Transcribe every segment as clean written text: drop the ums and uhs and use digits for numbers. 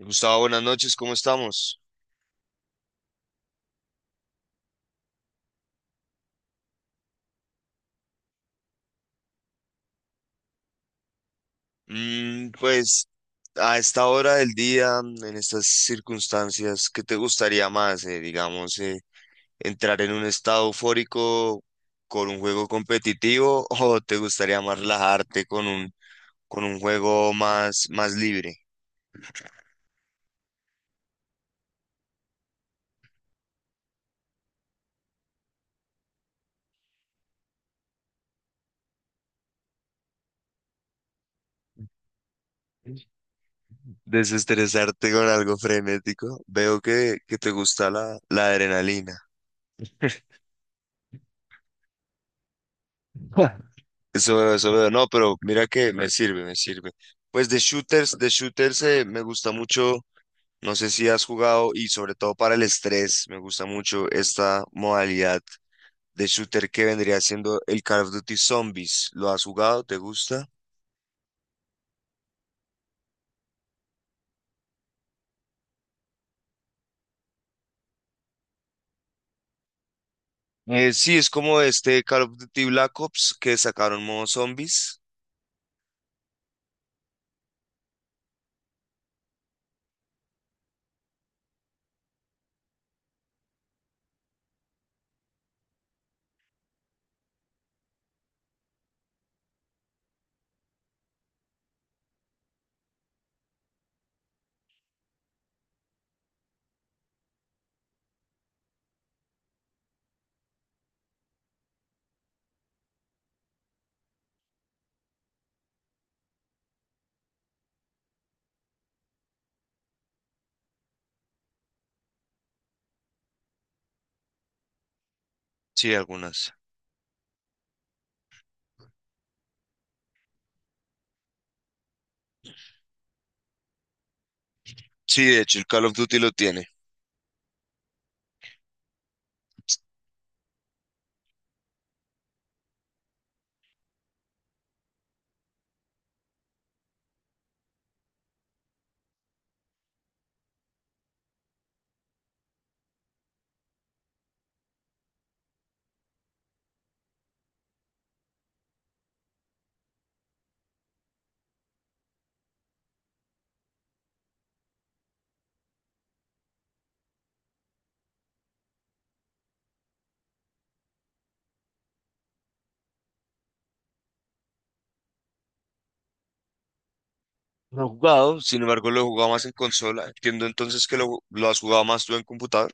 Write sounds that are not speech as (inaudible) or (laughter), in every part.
Gustavo, buenas noches, ¿cómo estamos? Mm, pues a esta hora del día, en estas circunstancias, ¿qué te gustaría más? Digamos, entrar en un estado eufórico con un juego competitivo (laughs) o te gustaría más relajarte con un juego más, ¿más libre? Desestresarte con algo frenético. Veo que te gusta la adrenalina. Eso veo. No, pero mira que me sirve, me sirve. Pues de shooters me gusta mucho. No sé si has jugado y sobre todo para el estrés, me gusta mucho esta modalidad de shooter que vendría siendo el Call of Duty Zombies. ¿Lo has jugado? ¿Te gusta? Sí, es como este Call of Duty Black Ops que sacaron modo zombies. Sí, algunas. Sí, de hecho, el Call of Duty lo tiene. Lo he jugado, sin embargo lo he jugado más en consola. Entiendo entonces que lo has jugado más tú en computador.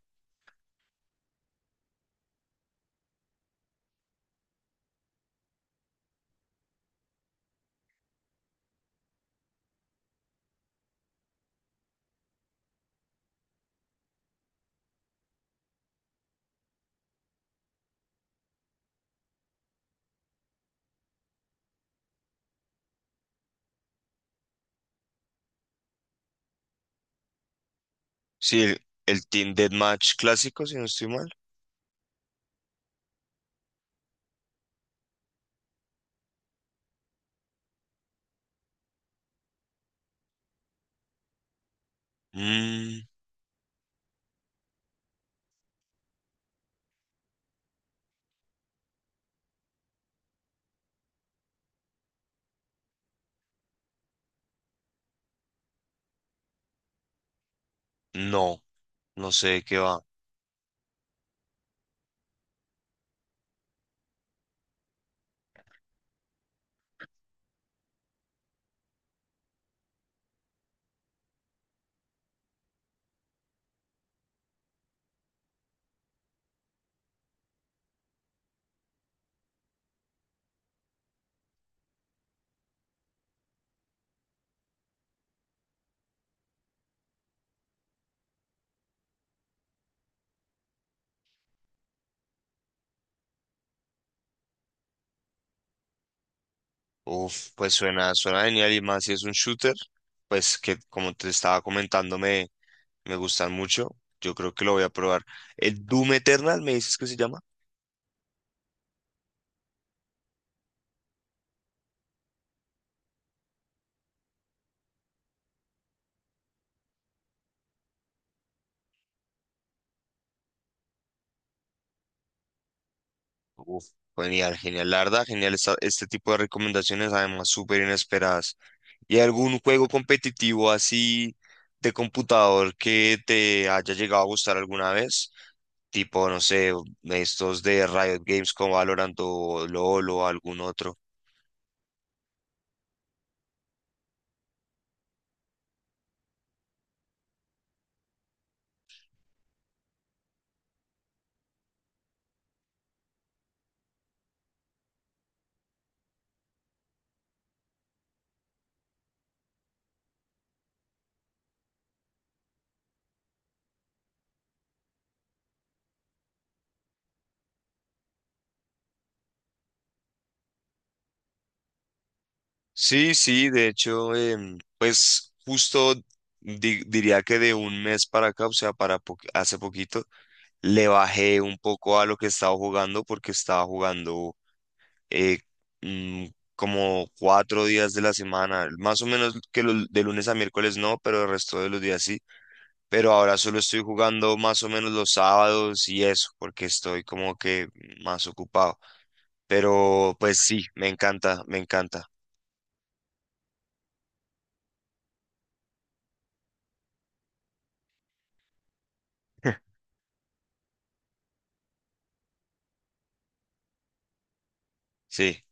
Sí, el Team Deathmatch clásico, si no estoy mal. Mm, no, no sé de qué va. Uf, pues suena, suena genial y más si es un shooter, pues que como te estaba comentando me gustan mucho. Yo creo que lo voy a probar. El Doom Eternal, ¿me dices que se llama? Uf, genial, genial, la verdad, genial este tipo de recomendaciones, además súper inesperadas. ¿Y algún juego competitivo así de computador que te haya llegado a gustar alguna vez? Tipo, no sé, estos de Riot Games como Valorant o LoL o algún otro. Sí, sí, de hecho, pues justo diría que de un mes para acá, o sea, para hace poquito, le bajé un poco a lo que estaba jugando porque estaba jugando eh, mm, como cuatro días de la semana, más o menos que de lunes a miércoles no, pero el resto de los días sí. Pero ahora solo estoy jugando más o menos los sábados y eso, porque estoy como que más ocupado. Pero pues sí, me encanta, me encanta. Sí.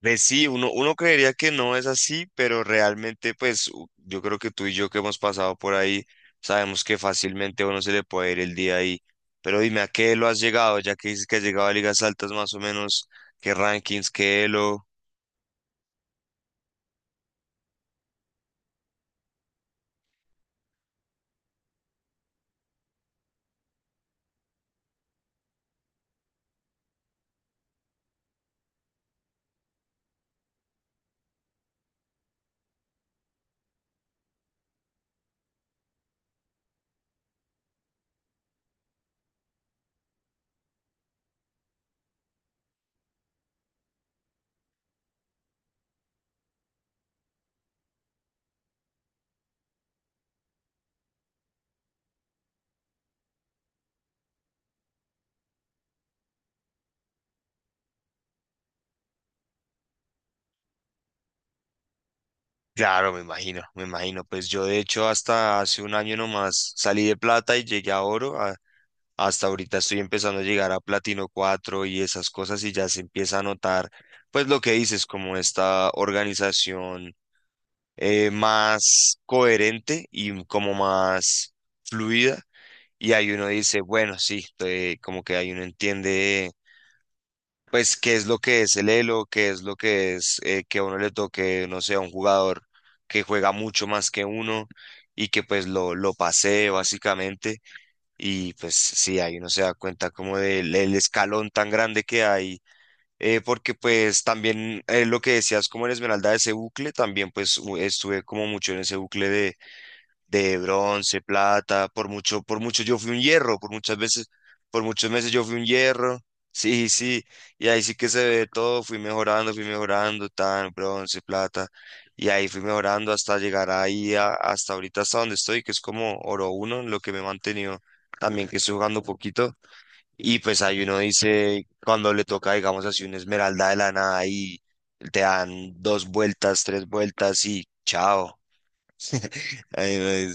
Pues sí, uno, uno creería que no es así, pero realmente, pues yo creo que tú y yo que hemos pasado por ahí, sabemos que fácilmente a uno se le puede ir el día ahí. Pero dime, ¿a qué lo has llegado? Ya que dices que has llegado a ligas altas más o menos, ¿qué rankings, qué elo? Claro, me imagino, me imagino. Pues yo de hecho hasta hace un año nomás salí de plata y llegué a oro. Hasta ahorita estoy empezando a llegar a platino 4 y esas cosas y ya se empieza a notar, pues lo que dices, como esta organización más coherente y como más fluida. Y ahí uno dice, bueno, sí, como que ahí uno entiende, pues, qué es lo que es el elo, qué es lo que es que a uno le toque, no sé, a un jugador que juega mucho más que uno y que pues lo pasee básicamente. Y pues sí, ahí uno se da cuenta como del el escalón tan grande que hay. Porque pues también lo que decías como en Esmeralda, ese bucle, también pues estuve como mucho en ese bucle de bronce, plata, por mucho yo fui un hierro, por muchas veces, por muchos meses yo fui un hierro, (laughs) sí, sí, y ahí sí que se ve todo, fui mejorando, tan, bronce, plata, y ahí fui mejorando hasta llegar ahí, hasta ahorita, hasta donde estoy, que es como oro uno, en lo que me he mantenido también, que estoy jugando poquito, y pues ahí uno dice, cuando le toca, digamos así, una esmeralda de la nada, y te dan dos vueltas, tres vueltas, y chao. (laughs) Ay, no,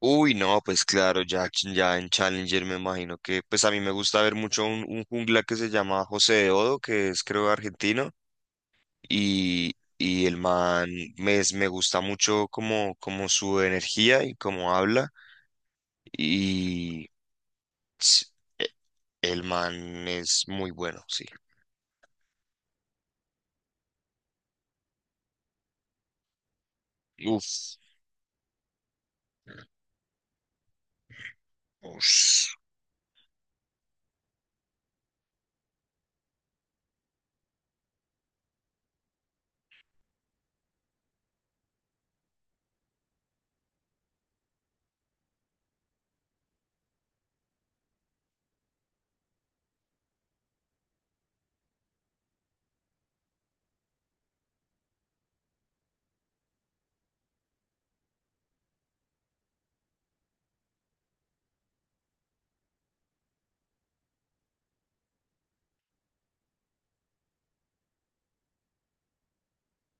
uy, no, pues claro, ya, ya en Challenger me imagino que, pues a mí me gusta ver mucho un jungla que se llama José de Odo, que es creo argentino, y el man me gusta mucho como, como su energía y como habla, y s- e- el man es muy bueno, sí. Uf, ush.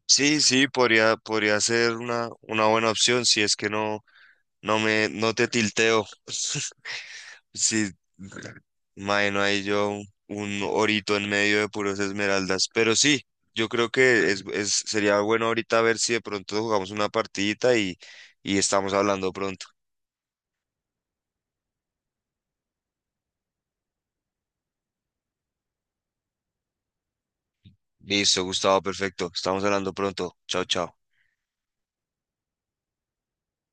Sí, sí, podría, podría ser una buena opción si es que no, no me, no te tilteo. Sí, imagino ahí yo un orito en medio de puros esmeraldas. Pero sí, yo creo que sería bueno ahorita ver si de pronto jugamos una partidita y estamos hablando pronto. Listo, Gustavo, perfecto. Estamos hablando pronto. Chao, chao.